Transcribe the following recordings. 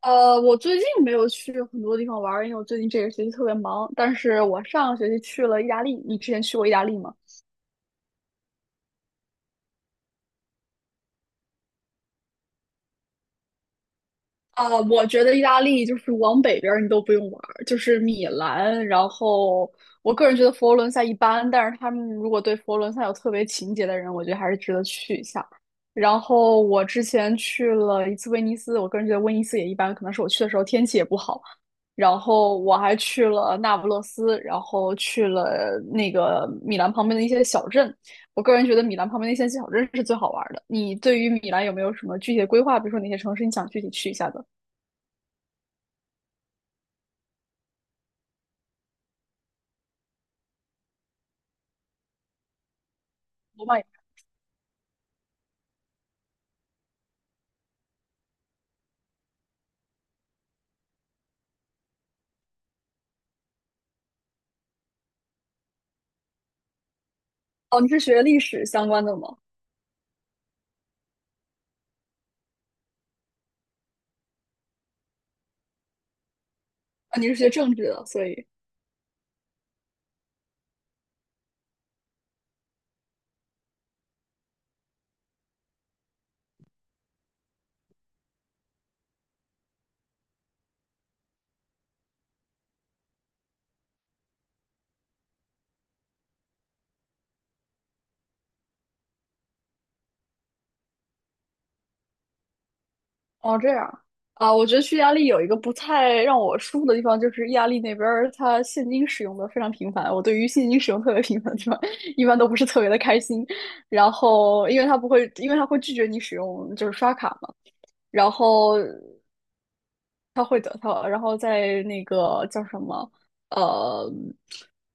我最近没有去很多地方玩儿，因为我最近这个学期特别忙。但是我上个学期去了意大利。你之前去过意大利吗？啊，我觉得意大利就是往北边儿你都不用玩儿，就是米兰。然后我个人觉得佛罗伦萨一般，但是他们如果对佛罗伦萨有特别情节的人，我觉得还是值得去一下。然后我之前去了一次威尼斯，我个人觉得威尼斯也一般，可能是我去的时候天气也不好。然后我还去了那不勒斯，然后去了那个米兰旁边的一些小镇。我个人觉得米兰旁边的一些小镇是最好玩儿的。你对于米兰有没有什么具体的规划？比如说哪些城市你想具体去一下的？我马？哦，你是学历史相关的吗？啊，你是学政治的，所以。哦，这样。啊，我觉得去意大利有一个不太让我舒服的地方，就是意大利那边儿它现金使用的非常频繁。我对于现金使用特别频繁的地方，一般都不是特别的开心。然后，因为它不会，因为它会拒绝你使用就是刷卡嘛。然后他会得他然后在那个叫什么，呃，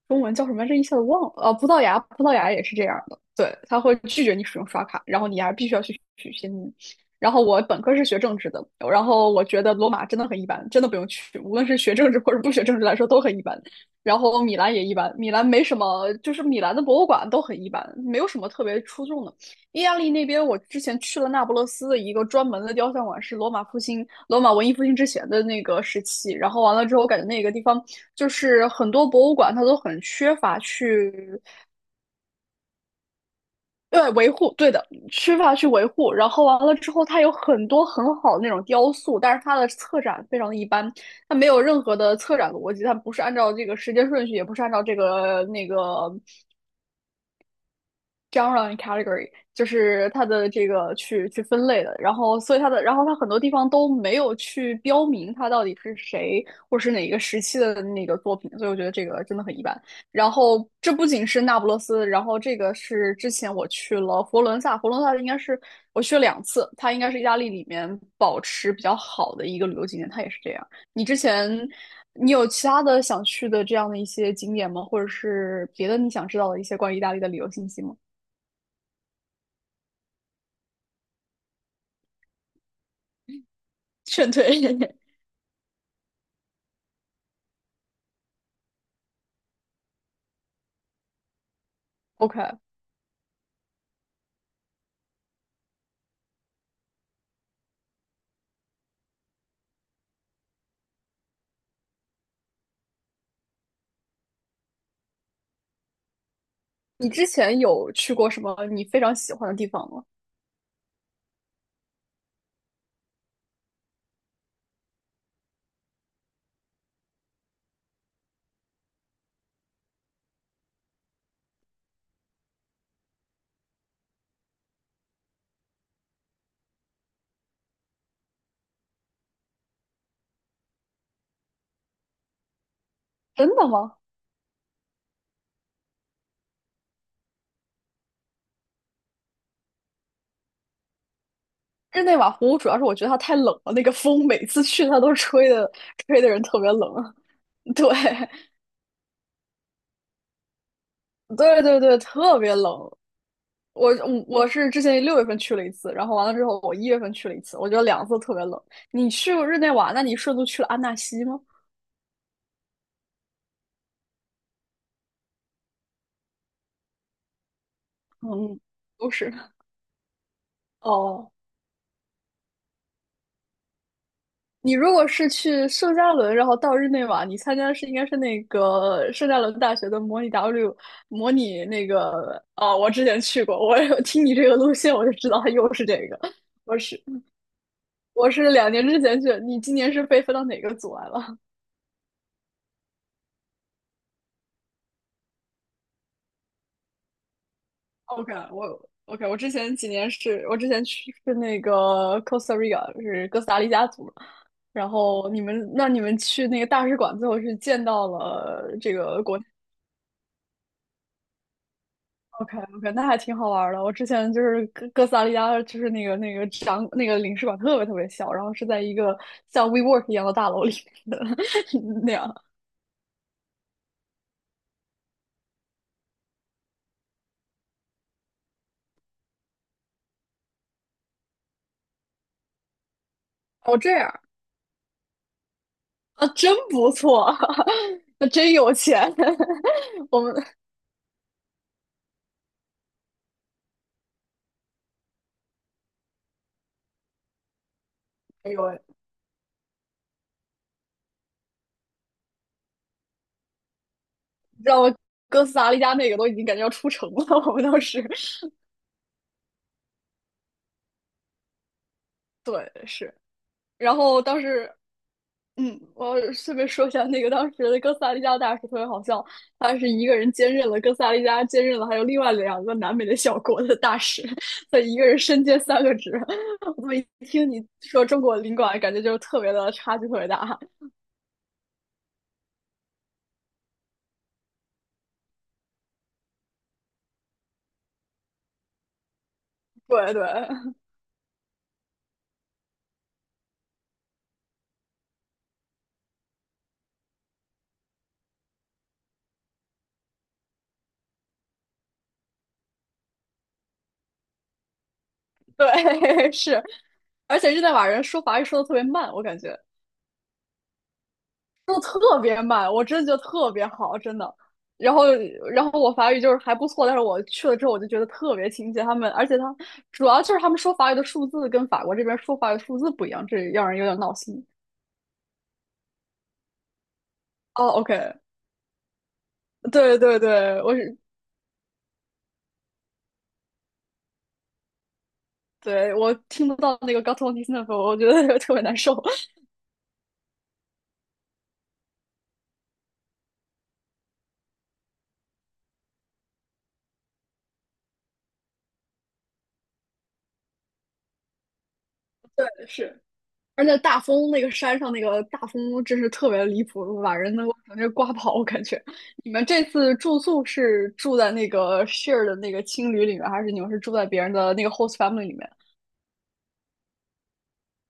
中文叫什么这一下子忘了。葡萄牙也是这样的，对，他会拒绝你使用刷卡，然后你还必须要去取现金。然后我本科是学政治的，然后我觉得罗马真的很一般，真的不用去，无论是学政治或者不学政治来说都很一般。然后米兰也一般，米兰没什么，就是米兰的博物馆都很一般，没有什么特别出众的。意大利那边，我之前去了那不勒斯的一个专门的雕像馆，是罗马复兴、罗马文艺复兴之前的那个时期。然后完了之后，我感觉那个地方就是很多博物馆它都很缺乏去，对维护，对的，缺乏去维护。然后完了之后，它有很多很好的那种雕塑，但是它的策展非常的一般，它没有任何的策展逻辑，它不是按照这个时间顺序，也不是按照这个那个 genre and category,就是它的这个去分类的，然后所以它的，然后它很多地方都没有去标明它到底是谁或者是哪一个时期的那个作品，所以我觉得这个真的很一般。然后这不仅是那不勒斯，然后这个是之前我去了佛罗伦萨，佛罗伦萨应该是我去了两次，它应该是意大利里面保持比较好的一个旅游景点，它也是这样。你之前你有其他的想去的这样的一些景点吗？或者是别的你想知道的一些关于意大利的旅游信息吗？劝退。OK,你之前有去过什么你非常喜欢的地方吗？真的吗？日内瓦湖主要是我觉得它太冷了，那个风每次去它都吹的，吹的人特别冷啊。对，对对对，特别冷。我是之前6月份去了一次，然后完了之后我1月份去了一次，我觉得两次特别冷。你去过日内瓦，那你顺路去了安纳西吗？嗯，都是。哦，你如果是去圣加伦，然后到日内瓦，你参加的是应该是那个圣加伦大学的模拟那个。啊、我之前去过，我有听你这个路线我就知道它又是这个。我是我是2年之前去，你今年是被分到哪个组来了？OK,我之前去是那个 Costa Rica,是哥斯达黎加组，然后你们去那个大使馆，最后是见到了这个国。 OK OK,那还挺好玩儿的。我之前就是哥斯达黎加，就是那个那个展那个领事馆特别特别小，然后是在一个像 WeWork 一样的大楼里面的 那样。哦，这样。啊，真不错。那真有钱。我们哎呦喂让我哥斯达黎加那个都已经感觉要出城了，我们当时 对是。然后当时嗯，我顺便说一下，那个当时的哥斯达黎加大使特别好笑，他是一个人兼任了哥斯达黎加，兼任了还有另外两个南美的小国的大使，他一个人身兼三个职。我一听你说中国领馆，感觉就特别的差距特别大。对对 对，是，而且日内瓦人说法语说的特别慢，我感觉。速特别慢，我真的觉得特别好，真的。然后，然后我法语就是还不错，但是我去了之后我就觉得特别亲切。他们，而且他主要就是他们说法语的数字跟法国这边说法语的数字不一样，这让人有点闹心。哦，OK,对对对，对，我听不到那个 g a t t o n d i s n e f 我觉得 特别难受。是，而且大风那个山上那个大风真是特别离谱，把人能够直接刮跑，我感觉。你们这次住宿是住在那个 share 的那个青旅里面，还是你们是住在别人的那个 host family 里面？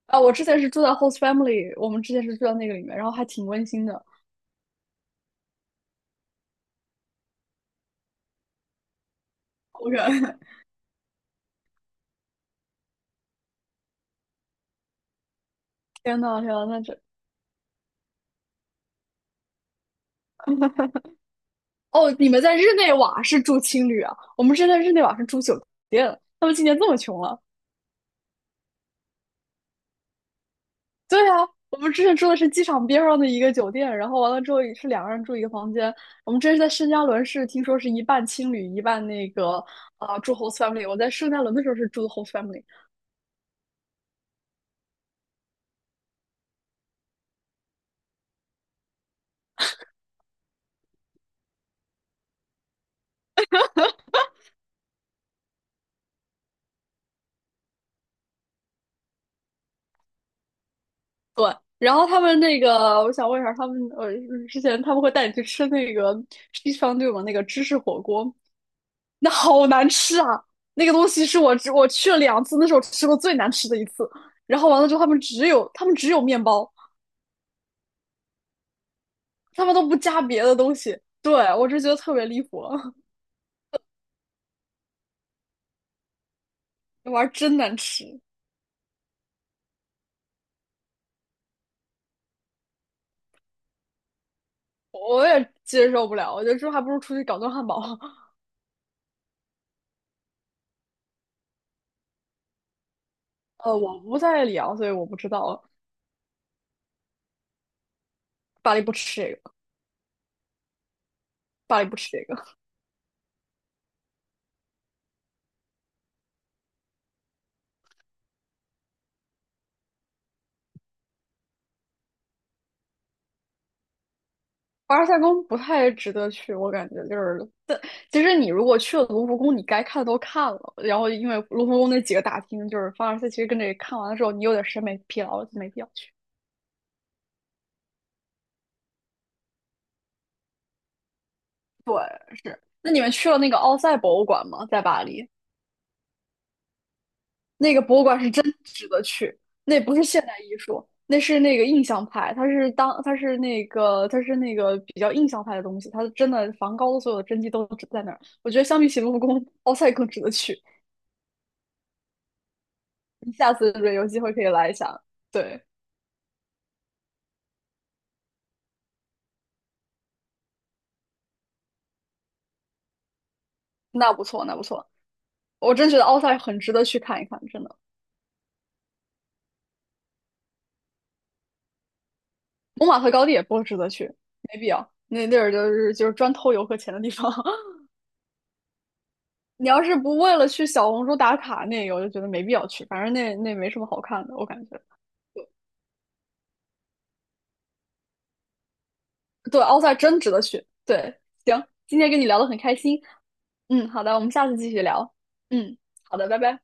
啊，我之前是住在 host family,我们之前是住在那个里面，然后还挺温馨的。好远，天呐，天呐，哦，你们在日内瓦是住青旅啊？我们是在日内瓦是住酒店，他们今年这么穷了。对啊，我们之前住的是机场边上的一个酒店，然后完了之后也是两个人住一个房间。我们这是在圣加伦市，听说是一半青旅，一半那个啊、住 host family。我在圣加伦的时候是住的 host family,然后他们那个我想问一下，他们之前他们会带你去吃那个 cheese fondue 吗？那个芝士火锅，那好难吃啊！那个东西是我去了两次，那是我吃过最难吃的一次。然后完了之后，他们只有面包，他们都不加别的东西。对，我就觉得特别离谱。那玩意儿真难吃，我也接受不了。我觉得这还不如出去搞顿汉堡。我不在里昂，所以我不知道。巴黎不吃这个，巴黎不吃这个。凡尔赛宫不太值得去，我感觉就是。但其实你如果去了卢浮宫，你该看的都看了。然后因为卢浮宫那几个大厅，就是凡尔赛，其实跟这看完了之后，你有点审美疲劳了，就没必要去。对，是。那你们去了那个奥赛博物馆吗？在巴黎？那个博物馆是真值得去，那不是现代艺术，那是那个印象派，它是那个比较印象派的东西，它真的梵高的所有的真迹都只在那儿。我觉得相比起卢浮宫，奥赛更值得去。你下次对有机会可以来一下，对，那不错，那不错，我真觉得奥赛很值得去看一看，真的。蒙马特高地也不值得去，没必要。那地儿就是专偷游客钱的地方。你要是不为了去小红书打卡那个，我就觉得没必要去。反正那没什么好看的，我感觉。对奥赛真值得去。对，行，今天跟你聊得很开心。嗯，好的，我们下次继续聊。嗯，好的，拜拜。